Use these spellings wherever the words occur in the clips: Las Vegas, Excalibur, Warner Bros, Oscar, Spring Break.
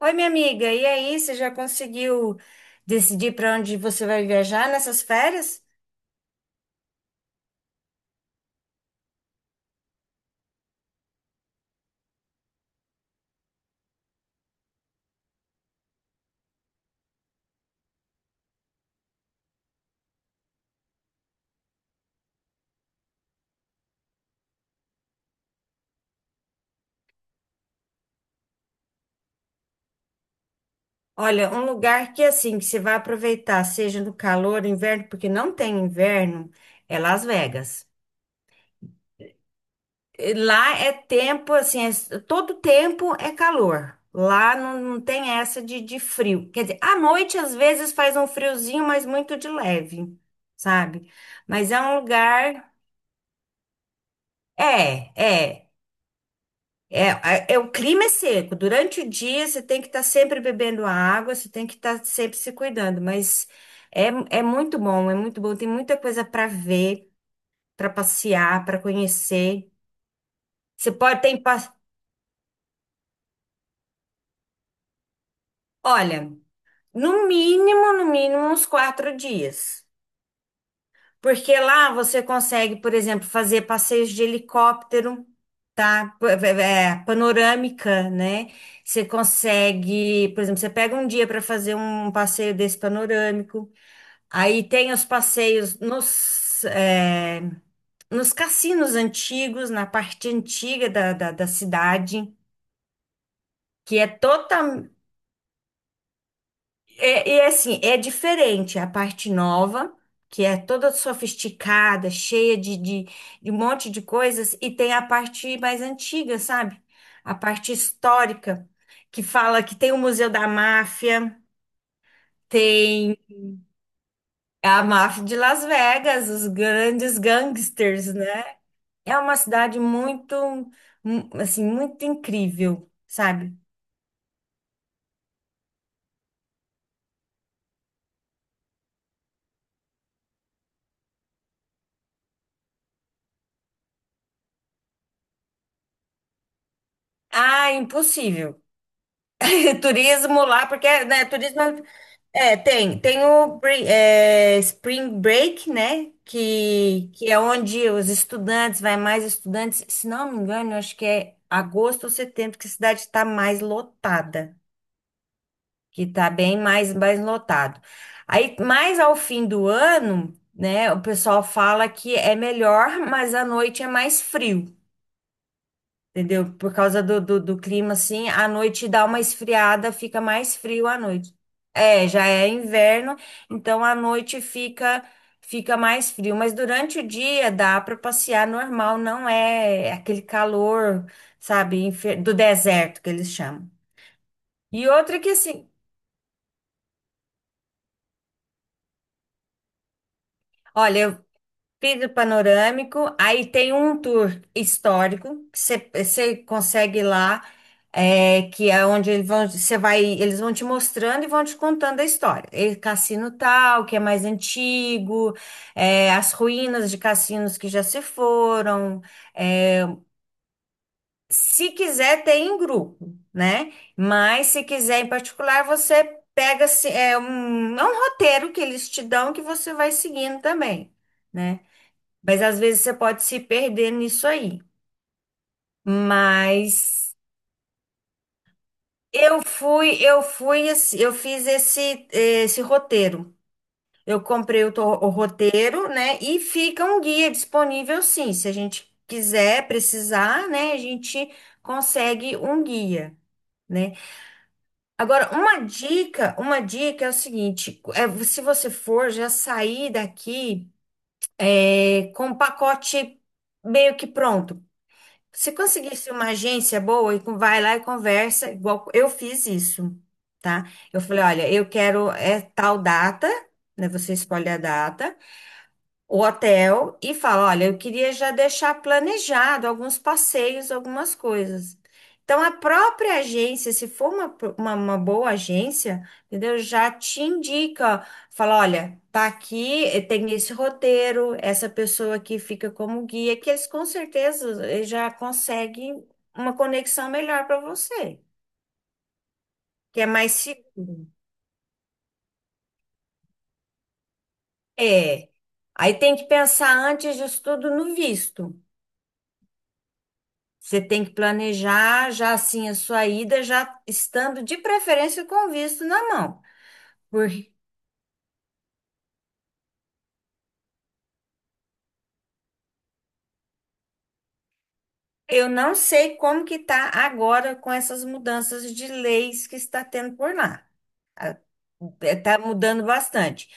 Oi, minha amiga, e aí, você já conseguiu decidir para onde você vai viajar nessas férias? Olha, um lugar que assim, que você vai aproveitar, seja no calor, inverno, porque não tem inverno, é Las Vegas. E lá é tempo, assim, todo tempo é calor. Lá não, não tem essa de frio. Quer dizer, à noite às vezes faz um friozinho, mas muito de leve, sabe? Mas é um lugar. É, é. É, o clima é seco. Durante o dia você tem que estar sempre bebendo água, você tem que estar sempre se cuidando, mas é, é muito bom, é muito bom. Tem muita coisa para ver, para passear, para conhecer. Você pode ter, pa- olha, no mínimo, no mínimo uns 4 dias. Porque lá você consegue, por exemplo, fazer passeios de helicóptero, tá? Panorâmica, né? Você consegue, por exemplo, você pega um dia para fazer um passeio desse panorâmico. Aí tem os passeios nos cassinos antigos, na parte antiga da cidade, que é total. É, e é assim, é diferente a parte nova, que é toda sofisticada, cheia de um monte de coisas, e tem a parte mais antiga, sabe? A parte histórica, que fala que tem o Museu da Máfia, tem a máfia de Las Vegas, os grandes gangsters, né? É uma cidade muito, assim, muito incrível, sabe? Ah, impossível. Turismo lá, porque, né, turismo tem, tem o Spring Break, né, que é onde os estudantes, vai mais estudantes, se não me engano, eu acho que é agosto ou setembro que a cidade está mais lotada, que está bem mais lotado. Aí, mais ao fim do ano, né, o pessoal fala que é melhor, mas à noite é mais frio, entendeu? Por causa do clima, assim, à noite dá uma esfriada, fica mais frio à noite. É, já é inverno, então à noite fica mais frio, mas durante o dia dá para passear normal, não é aquele calor, sabe, do deserto que eles chamam. E outra que assim, olha, vidro panorâmico, aí tem um tour histórico que você consegue ir lá, que é onde eles vão, você vai, eles vão te mostrando e vão te contando a história. E cassino tal, que é mais antigo, as ruínas de cassinos que já se foram. é, se quiser, tem em grupo, né? Mas se quiser em particular, você pega assim, é um roteiro que eles te dão que você vai seguindo também. Né? Mas às vezes você pode se perder nisso aí. Mas eu fui, assim, eu fiz esse roteiro. Eu comprei o roteiro, né? E fica um guia disponível, sim. Se a gente quiser, precisar, né? A gente consegue um guia, né? Agora, uma dica é o seguinte: se você for já sair daqui com o pacote meio que pronto. Se conseguisse uma agência boa, vai lá e conversa, igual eu fiz isso, tá? Eu falei, olha, eu quero é tal data, né? Você escolhe a data, o hotel e fala: olha, eu queria já deixar planejado alguns passeios, algumas coisas. Então, a própria agência, se for uma, uma boa agência, entendeu? Já te indica, fala: olha, tá aqui, tem esse roteiro, essa pessoa aqui fica como guia, que eles com certeza já conseguem uma conexão melhor para você, que é mais seguro. É. Aí tem que pensar antes disso tudo no visto. Você tem que planejar já assim a sua ida, já estando de preferência com o visto na mão. Porque eu não sei como que tá agora com essas mudanças de leis que está tendo por lá. Está mudando bastante.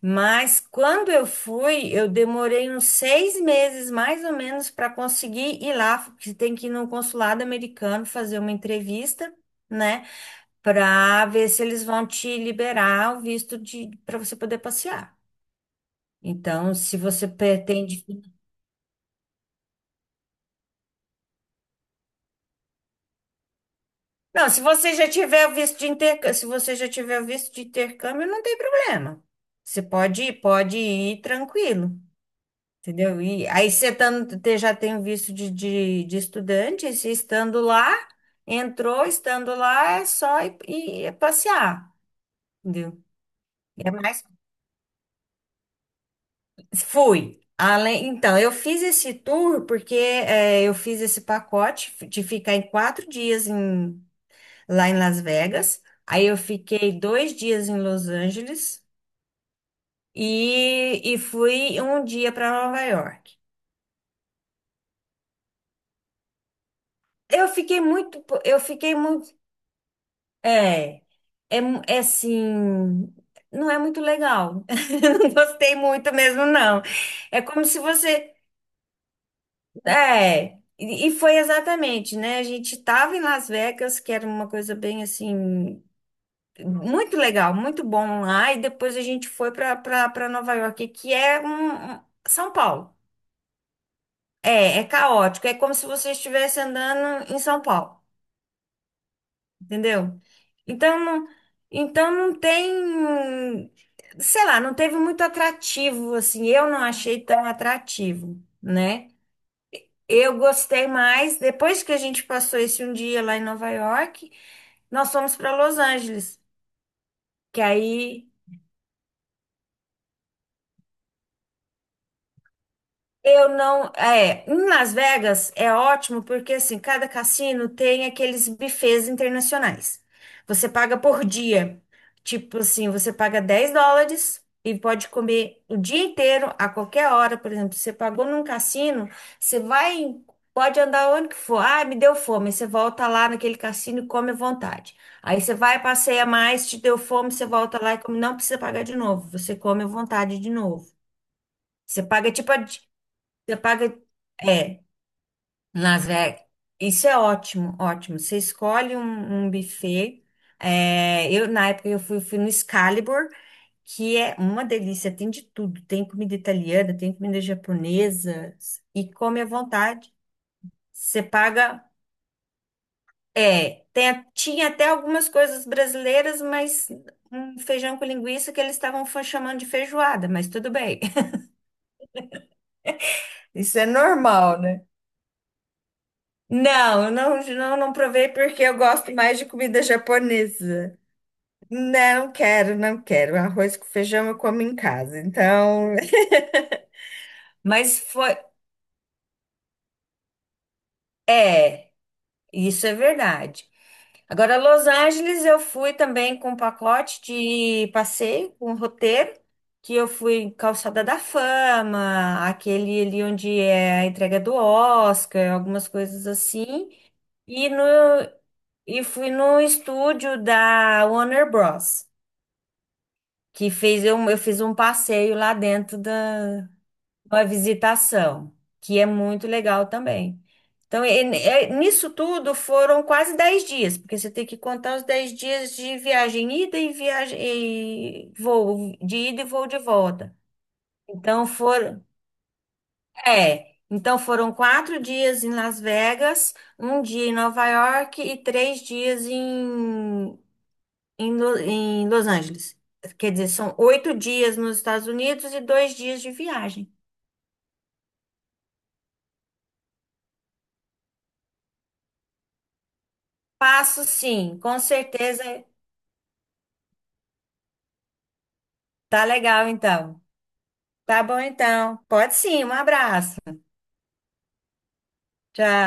Mas quando eu fui, eu demorei uns 6 meses mais ou menos para conseguir ir lá. Você tem que ir no consulado americano fazer uma entrevista, né? Para ver se eles vão te liberar o visto de para você poder passear. Então, se você pretende. Não, se você já tiver o visto de intercâmbio, se você já tiver o visto de intercâmbio, não tem problema. Você pode ir tranquilo, entendeu? E aí você já tem o visto de estudante, e se estando lá, entrou, estando lá, é só ir é passear, entendeu? É mais. Fui. Além, então, eu fiz esse tour porque eu fiz esse pacote de ficar em 4 dias lá em Las Vegas. Aí eu fiquei 2 dias em Los Angeles e fui um dia para Nova York. Eu fiquei muito, é, é assim, não é muito legal. Não gostei muito mesmo, não. É como se você, é, e foi exatamente, né? A gente estava em Las Vegas, que era uma coisa bem assim. Muito legal, muito bom lá. E depois a gente foi para Nova York, que é São Paulo. É, é caótico. É como se você estivesse andando em São Paulo, entendeu? Então não, então não tem, sei lá, não teve muito atrativo, assim. Eu não achei tão atrativo, né? Eu gostei mais. Depois que a gente passou esse um dia lá em Nova York, nós fomos para Los Angeles, que aí Eu não. É, em Las Vegas é ótimo porque assim, cada cassino tem aqueles buffets internacionais. Você paga por dia. Tipo assim, você paga US$ 10 e pode comer o dia inteiro, a qualquer hora. Por exemplo, você pagou num cassino, você vai, pode andar onde que for. Ah, me deu fome. Você volta lá naquele cassino e come à vontade. Aí você vai, passeia mais, te deu fome, você volta lá e come. Não precisa pagar de novo. Você come à vontade de novo. Você paga tipo a, Você paga. É, Las Vegas. Isso é ótimo, ótimo. Você escolhe um buffet. É, eu, na época, eu fui no Excalibur, que é uma delícia, tem de tudo. Tem comida italiana, tem comida japonesa, e come à vontade. Você paga. É, tinha até algumas coisas brasileiras, mas um feijão com linguiça que eles estavam chamando de feijoada, mas tudo bem. Isso é normal, né? Não, eu não provei porque eu gosto mais de comida japonesa. Não quero, não quero. Arroz com feijão eu como em casa. Então, mas foi, é, isso é verdade. Agora, Los Angeles eu fui também com um pacote de passeio, com um roteiro, que eu fui em Calçada da Fama, aquele ali onde é a entrega do Oscar, algumas coisas assim. E no E fui no estúdio da Warner Bros. Eu fiz um passeio lá dentro da uma visitação, que é muito legal também. Então, nisso tudo foram quase 10 dias, porque você tem que contar os 10 dias de viagem ida e viagem e voo de ida e voo de volta. Então foram, então foram 4 dias em Las Vegas, um dia em Nova York e 3 dias em Los Angeles. Quer dizer, são 8 dias nos Estados Unidos e 2 dias de viagem. Passo sim, com certeza. Tá legal, então. Tá bom, então. Pode sim, um abraço. Tchau.